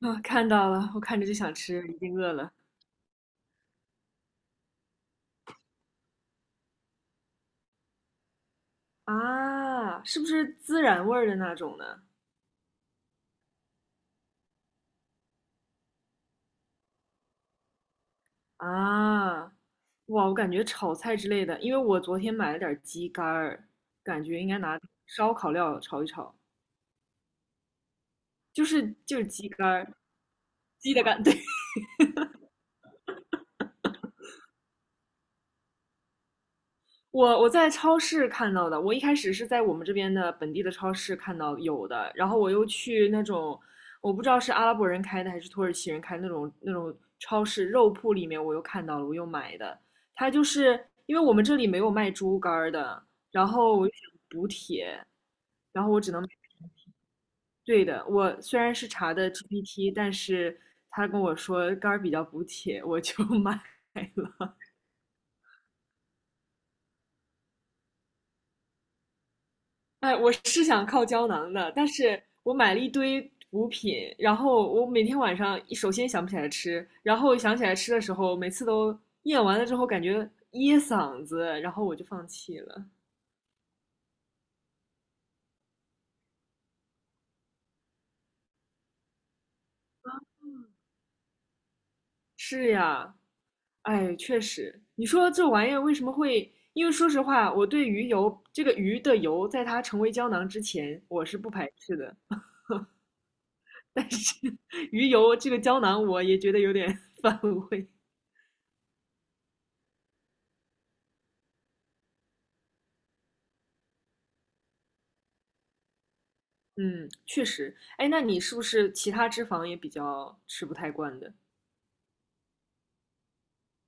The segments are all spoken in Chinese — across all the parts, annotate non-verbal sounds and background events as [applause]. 啊，看到了，我看着就想吃，已经饿了。啊，是不是孜然味儿的那种呢？啊，哇，我感觉炒菜之类的，因为我昨天买了点儿鸡肝儿，感觉应该拿烧烤料炒一炒，就是鸡肝儿，鸡的肝，对，我在超市看到的，我一开始是在我们这边的本地的超市看到有的，然后我又去那种我不知道是阿拉伯人开的还是土耳其人开的那种超市肉铺里面，我又看到了，我又买的。它就是因为我们这里没有卖猪肝儿的，然后我又想补铁，然后我只能买对的。我虽然是查的 GPT，但是他跟我说肝儿比较补铁，我就 [laughs] 买了。哎，我是想靠胶囊的，但是我买了一堆补品，然后我每天晚上首先想不起来吃，然后想起来吃的时候，每次都咽完了之后感觉噎嗓子，然后我就放弃了。是呀，哎，确实，你说这玩意儿为什么会？因为说实话，我对鱼油这个鱼的油，在它成为胶囊之前，我是不排斥的。鱼油这个胶囊，我也觉得有点 [laughs] 反胃。嗯，确实。哎，那你是不是其他脂肪也比较吃不太惯的？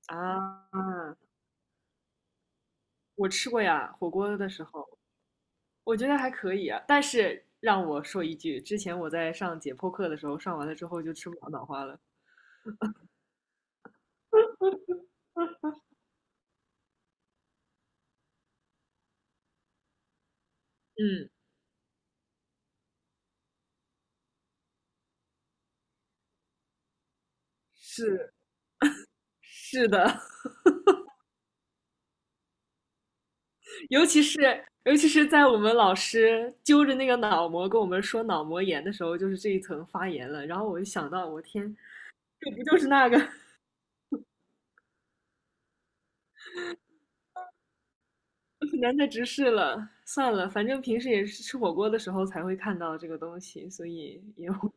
啊，我吃过呀，火锅的时候，我觉得还可以啊。但是让我说一句，之前我在上解剖课的时候，上完了之后就吃不了脑花了。嗯，是是的，[laughs] 尤其是在我们老师揪着那个脑膜跟我们说脑膜炎的时候，就是这一层发炎了。然后我就想到，我天，这不就是那个？难再直视了，算了，反正平时也是吃火锅的时候才会看到这个东西，所以也无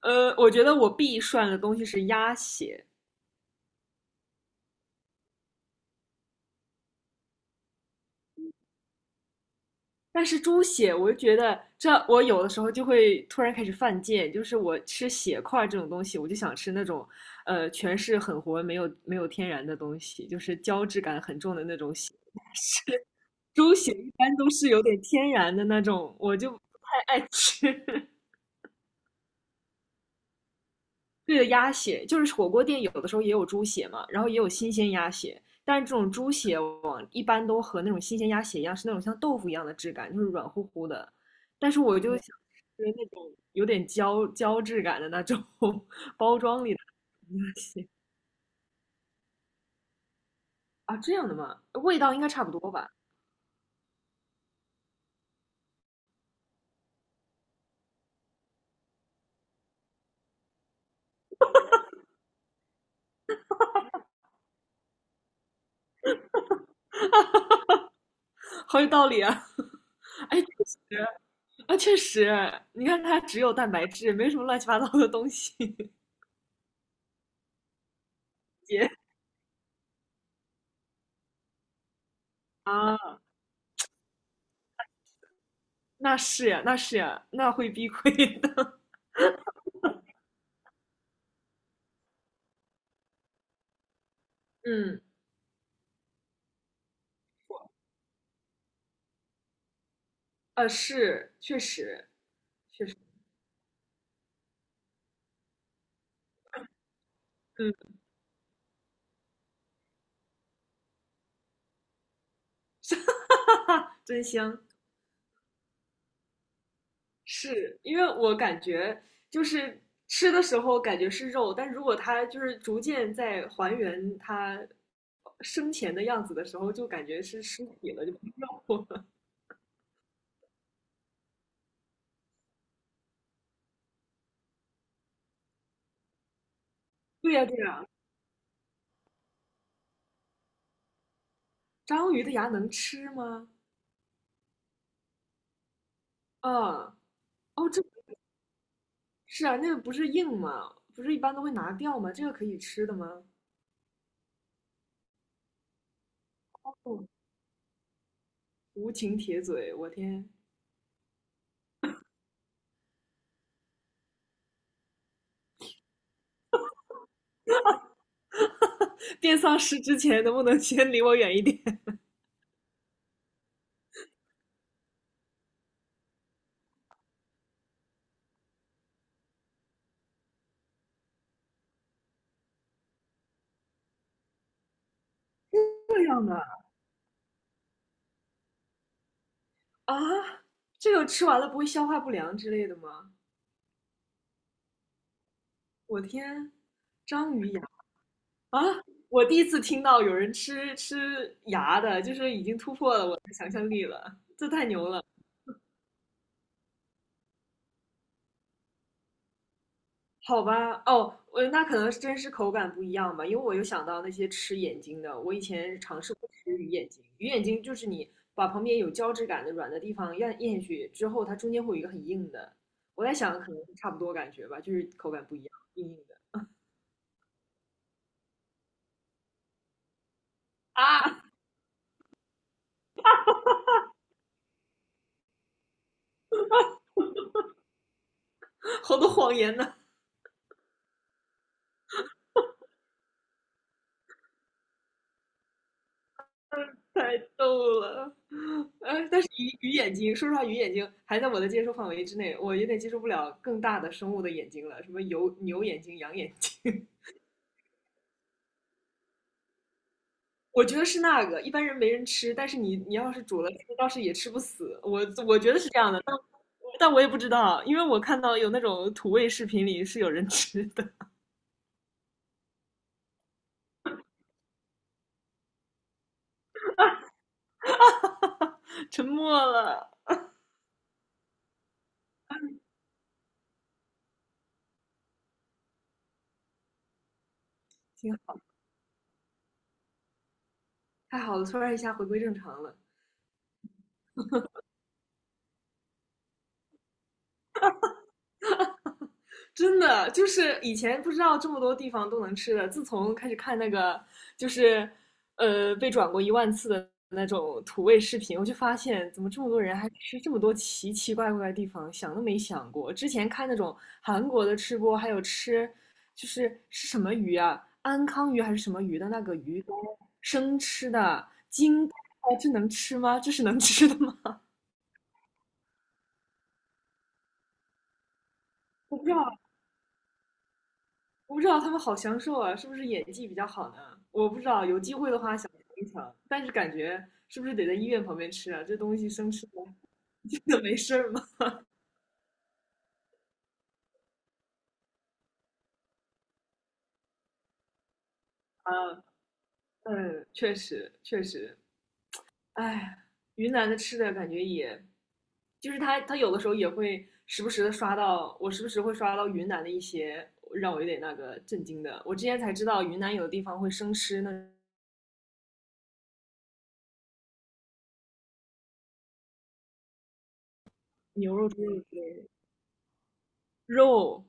呃，我觉得我必涮的东西是鸭血，但是猪血，我就觉得这我有的时候就会突然开始犯贱，就是我吃血块这种东西，我就想吃那种呃全是很活没有天然的东西，就是胶质感很重的那种血。猪血一般都是有点天然的那种，我就不太爱吃。对的，鸭血就是火锅店有的时候也有猪血嘛，然后也有新鲜鸭血，但是这种猪血往一般都和那种新鲜鸭血一样，是那种像豆腐一样的质感，就是软乎乎的。但是我就想吃那种有点胶胶质感的那种 [laughs] 包装里的鸭血啊，这样的吗？味道应该差不多吧？[laughs] 好有道理啊！哎啊，确实，你看它只有蛋白质，没什么乱七八糟的东西。[laughs] 姐啊，那是呀，那是呀，那会避亏的。[laughs] 嗯，呃，是，确实，确实，嗯，[laughs] 真香。是因为我感觉就是吃的时候感觉是肉，但如果它就是逐渐在还原它生前的样子的时候，就感觉是尸体了，就不是肉了。[laughs] 对呀，对呀，章鱼的牙能吃吗？啊，哦，这是啊，那个不是硬吗？不是一般都会拿掉吗？这个可以吃的吗？哦，无情铁嘴，我天！[laughs] 变丧尸之前能不能先离我远一点？这样的啊？这个吃完了不会消化不良之类的吗？我天，章鱼牙啊！我第一次听到有人吃牙的，就是已经突破了我，这太牛了。好吧，哦，我那可能真是口感不一样吧，因为我又想到那些吃眼睛的，我以前尝试过吃鱼眼睛，鱼眼睛就是你把旁边有胶质感的软的地方咽下去之后，它中间会有一个很硬的，我在想可能差不多感觉吧，就是口感不一样，硬硬的啊，[laughs] 好多谎言呢。[laughs] 太逗了，哎，但是鱼眼睛，说实话，鱼眼睛还在我的接受范围之内，我有点接受不了更大的生物的眼睛了，什么牛眼睛、羊眼睛，[laughs] 我觉得是那个，一般人没人吃，但是你你要是煮了吃，倒是也吃不死，我觉得是这样的，但我也不知道，因为我看到有那种土味视频里是有人吃的，[laughs] 沉默了，挺好，太好了，突然一下回归正常了。真的就是以前不知道这么多地方都能吃的，自从开始看那个就是呃被转过10000次的那种土味视频，我就发现怎么这么多人还吃这么多奇奇怪怪的地方，想都没想过。之前看那种韩国的吃播，还有吃就是是什么鱼啊，安康鱼还是什么鱼的那个鱼干生吃的，金带这能吃吗？这是能吃的吗？[laughs] 我不知道，我不知道他们好享受啊，是不是演技比较好呢？我不知道，有机会的话想尝一尝，但是感觉是不是得在医院旁边吃啊？这东西生吃了 [laughs] 真的没事儿吗？[laughs] 啊，嗯，确实确实，哎，云南的吃的感觉也，就是他有的时候也会时不时的刷到，我时不时会刷到云南的一些让我有点那个震惊的，我之前才知道云南有的地方会生吃那牛肉、猪肉之类的肉，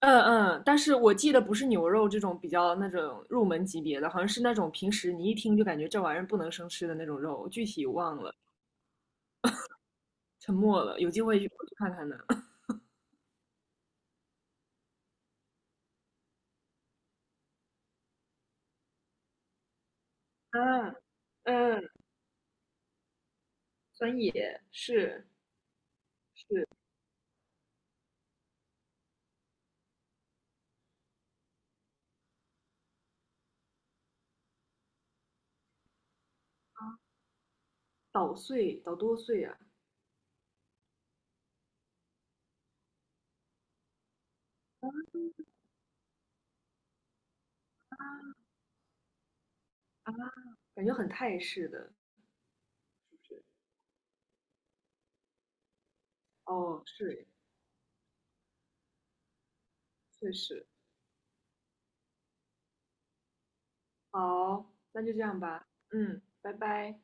嗯嗯，但是我记得不是牛肉这种比较那种入门级别的，好像是那种平时你一听就感觉这玩意儿不能生吃的那种肉，具体忘了，沉默了，有机会去我去看看呢。[laughs] 嗯嗯，酸野是捣碎，捣多碎啊，感觉很泰式的。哦，是，确实。好，那就这样吧。嗯，拜拜。